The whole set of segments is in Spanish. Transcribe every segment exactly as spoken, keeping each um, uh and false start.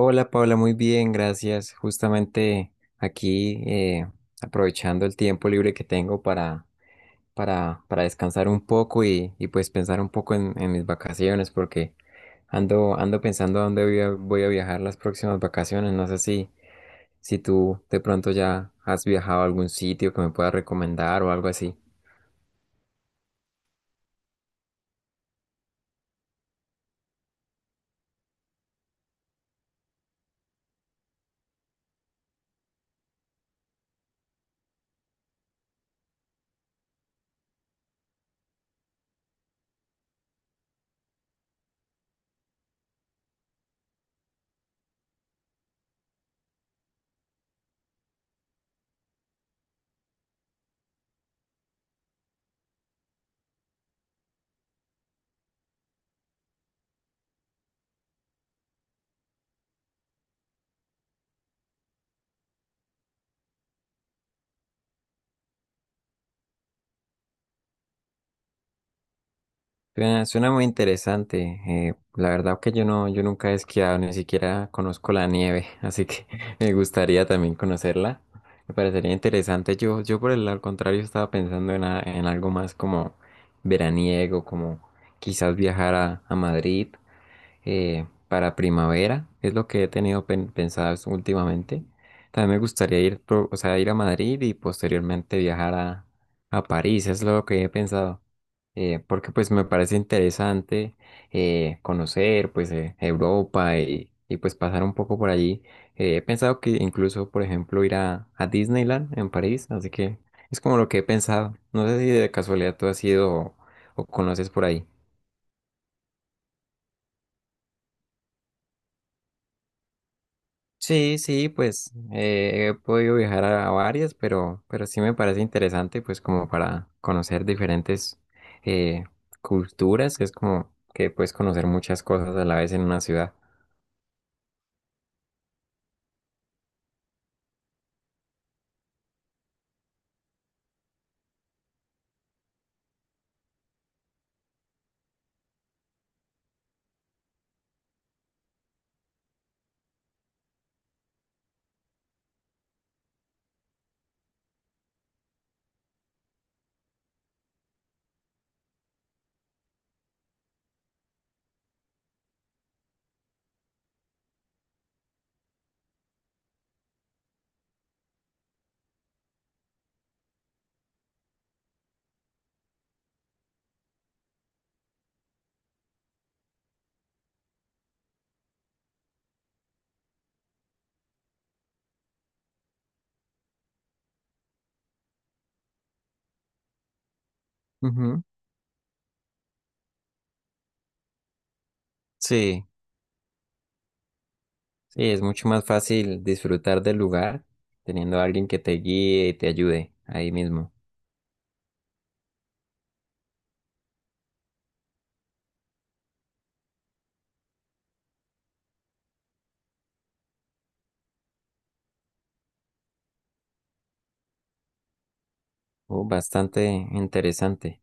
Hola Paula, muy bien, gracias. Justamente aquí eh, aprovechando el tiempo libre que tengo para, para, para descansar un poco y, y pues pensar un poco en, en mis vacaciones porque ando, ando pensando a dónde voy a, voy a viajar las próximas vacaciones. No sé si, si tú de pronto ya has viajado a algún sitio que me puedas recomendar o algo así. Suena, suena muy interesante. eh, la verdad que yo no, yo nunca he esquiado, ni siquiera conozco la nieve, así que me gustaría también conocerla. Me parecería interesante. Yo, yo por el al contrario estaba pensando en, a- en algo más como veraniego, como quizás viajar a, a Madrid eh, para primavera, es lo que he tenido pen- pensado últimamente. También me gustaría ir, pro- o sea, ir a Madrid y posteriormente viajar a, a París, es lo que he pensado. Eh, porque pues me parece interesante eh, conocer pues eh, Europa y, y, pues pasar un poco por allí. Eh, he pensado que incluso, por ejemplo, ir a, a Disneyland en París, así que es como lo que he pensado. No sé si de casualidad tú has ido o o conoces por ahí. Sí, sí, pues eh, he podido viajar a, a varias, pero, pero sí me parece interesante, pues como para conocer diferentes eh, culturas, que es como que puedes conocer muchas cosas a la vez en una ciudad. Ujú. Sí, sí, es mucho más fácil disfrutar del lugar teniendo a alguien que te guíe y te ayude ahí mismo. Oh, bastante interesante.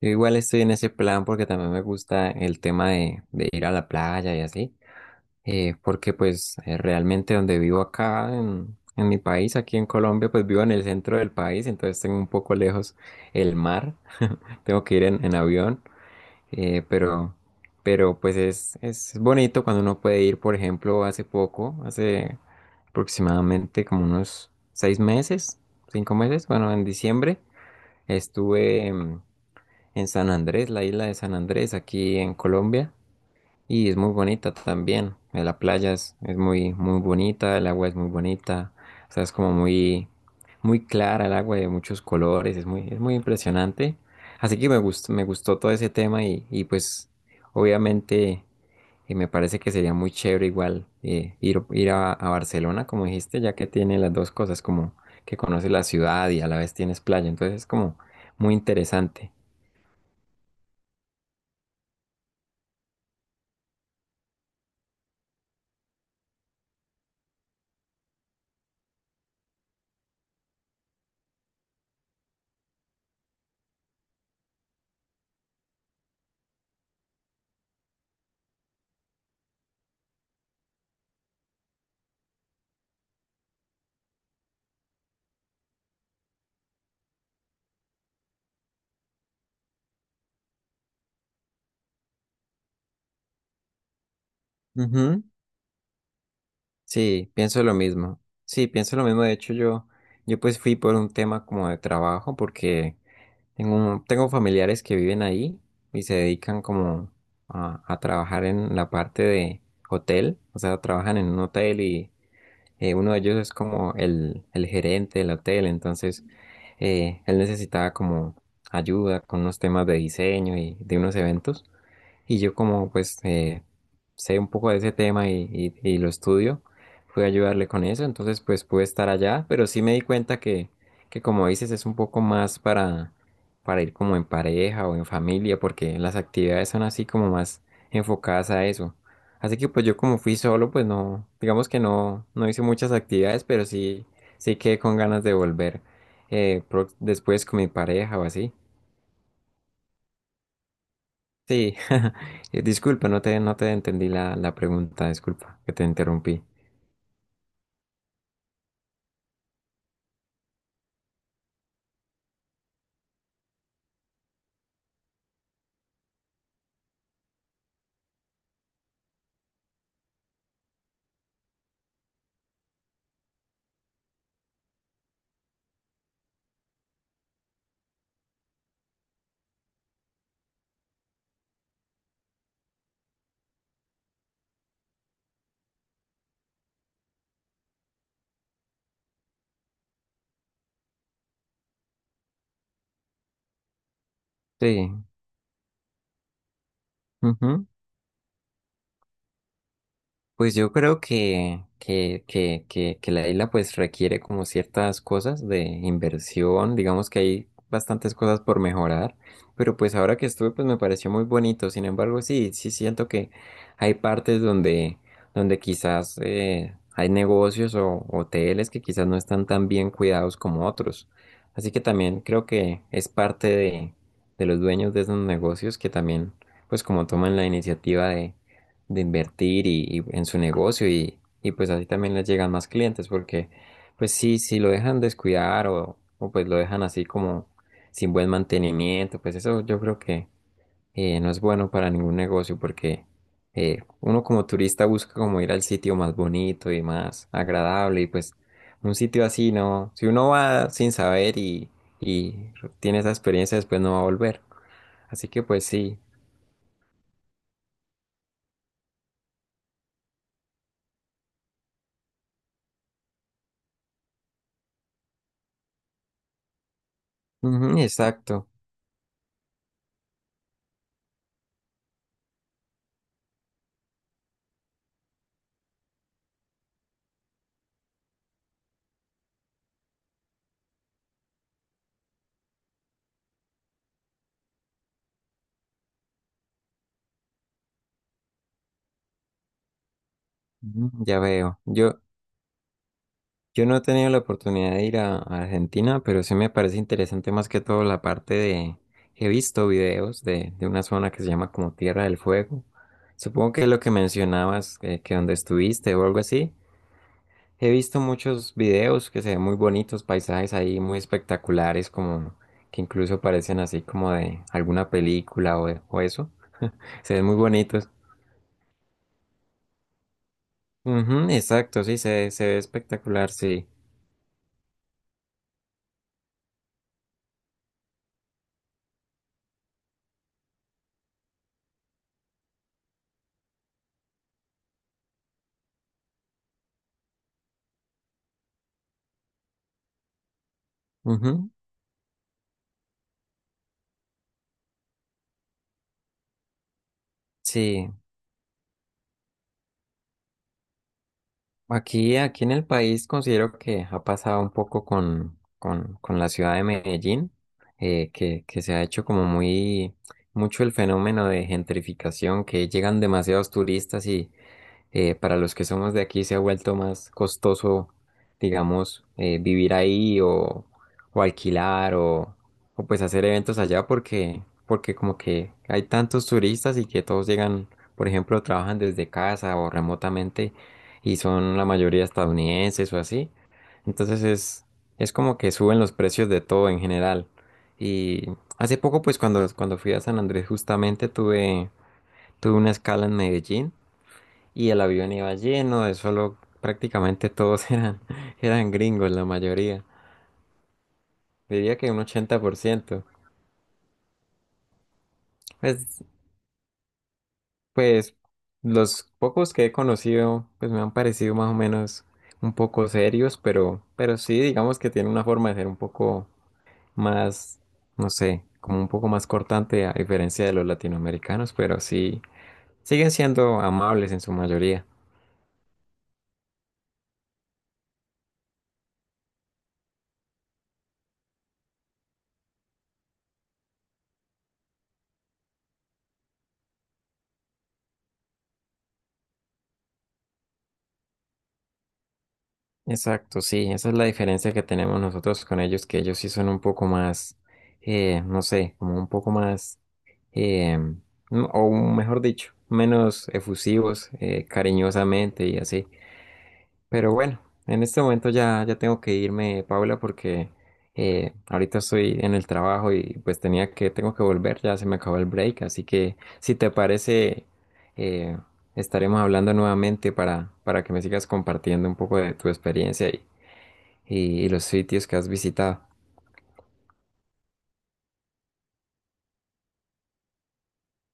Yo igual estoy en ese plan porque también me gusta el tema de, de ir a la playa y así. Eh, porque pues eh, realmente donde vivo acá en, en mi país, aquí en Colombia, pues vivo en el centro del país, entonces tengo un poco lejos el mar, tengo que ir en, en avión, eh, pero, pero pues es, es bonito cuando uno puede ir, por ejemplo, hace poco, hace aproximadamente como unos seis meses, cinco meses, bueno, en diciembre estuve en en San Andrés, la isla de San Andrés, aquí en Colombia. Y es muy bonita también. Eh, la playa es, es muy, muy bonita, el agua es muy bonita. O sea, es como muy, muy clara el agua de muchos colores. Es muy, es muy impresionante. Así que me gustó, me gustó todo ese tema y, y pues obviamente eh, me parece que sería muy chévere igual eh, ir, ir a, a Barcelona, como dijiste, ya que tiene las dos cosas, como que conoces la ciudad y a la vez tienes playa. Entonces es como muy interesante. Ujú. Sí, pienso lo mismo. Sí, pienso lo mismo. De hecho, yo, yo pues fui por un tema como de trabajo, porque tengo, tengo familiares que viven ahí y se dedican como a, a trabajar en la parte de hotel. O sea, trabajan en un hotel y eh, uno de ellos es como el, el gerente del hotel. Entonces, eh, él necesitaba como ayuda con unos temas de diseño y de unos eventos. Y yo como pues eh, sé un poco de ese tema y, y- y lo estudio, fui a ayudarle con eso, entonces pues pude estar allá, pero sí me di cuenta que, que como dices es un poco más para, para ir como en pareja o en familia, porque las actividades son así como más enfocadas a eso. Así que pues yo como fui solo, pues no, digamos que no, no hice muchas actividades, pero sí, sí quedé con ganas de volver eh, pro- después con mi pareja o así. Sí, eh, disculpa, no te, no te entendí la, la pregunta, disculpa que te interrumpí. Sí, ujú. Pues yo creo que, que, que, que, que la isla pues requiere como ciertas cosas de inversión, digamos que hay bastantes cosas por mejorar, pero pues ahora que estuve pues me pareció muy bonito, sin embargo sí, sí siento que hay partes donde, donde quizás eh, hay negocios o hoteles que quizás no están tan bien cuidados como otros, así que también creo que es parte de, de los dueños de esos negocios que también pues como toman la iniciativa de de invertir y, y en su negocio y, y pues así también les llegan más clientes porque pues sí, si lo dejan descuidar o, o pues lo dejan así como sin buen mantenimiento, pues eso yo creo que eh, no es bueno para ningún negocio porque eh, uno como turista busca como ir al sitio más bonito y más agradable y pues un sitio así no, si uno va sin saber y, y tiene esa experiencia después no va a volver. Así que pues sí, ujú, exacto, ujú, ya veo. Yo, Yo no he tenido la oportunidad de ir a, a Argentina, pero sí me parece interesante más que todo la parte de... He visto videos de, de una zona que se llama como Tierra del Fuego. Supongo que es lo que mencionabas, eh, que donde estuviste o algo así. He visto muchos videos que se ven muy bonitos, paisajes ahí muy espectaculares, como que incluso parecen así como de alguna película o, de- o eso. Se ven muy bonitos. Ujú, exacto, sí, se, se ve espectacular, sí. Ujú, sí. Aquí, aquí en el país considero que ha pasado un poco con, con, con la ciudad de Medellín, eh, que, que se ha hecho como muy mucho el fenómeno de gentrificación, que llegan demasiados turistas y eh, para los que somos de aquí se ha vuelto más costoso, digamos, eh, vivir ahí o, o alquilar o, o pues hacer eventos allá porque, porque como que hay tantos turistas y que todos llegan, por ejemplo, trabajan desde casa o remotamente y son la mayoría estadounidenses o así. Entonces es, es como que suben los precios de todo en general. Y hace poco, pues cuando, cuando fui a San Andrés justamente tuve, tuve una escala en Medellín y el avión iba lleno de solo, prácticamente todos eran, eran gringos, la mayoría. Diría que un ochenta por ciento. Pues, pues los pocos que he conocido, pues me han parecido más o menos un poco serios, pero, pero sí, digamos que tienen una forma de ser un poco más, no sé, como un poco más cortante a diferencia de los latinoamericanos, pero sí, siguen siendo amables en su mayoría. Exacto, sí, esa es la diferencia que tenemos nosotros con ellos, que ellos sí son un poco más, eh, no sé, como un poco más, eh, no- o mejor dicho, menos efusivos, eh, cariñosamente y así. Pero bueno, en este momento ya, ya tengo que irme, Paula, porque eh, ahorita estoy en el trabajo y pues tenía que, tengo que volver, ya se me acabó el break, así que si te parece, eh, estaremos hablando nuevamente para, para que me sigas compartiendo un poco de tu experiencia y, y los sitios que has visitado.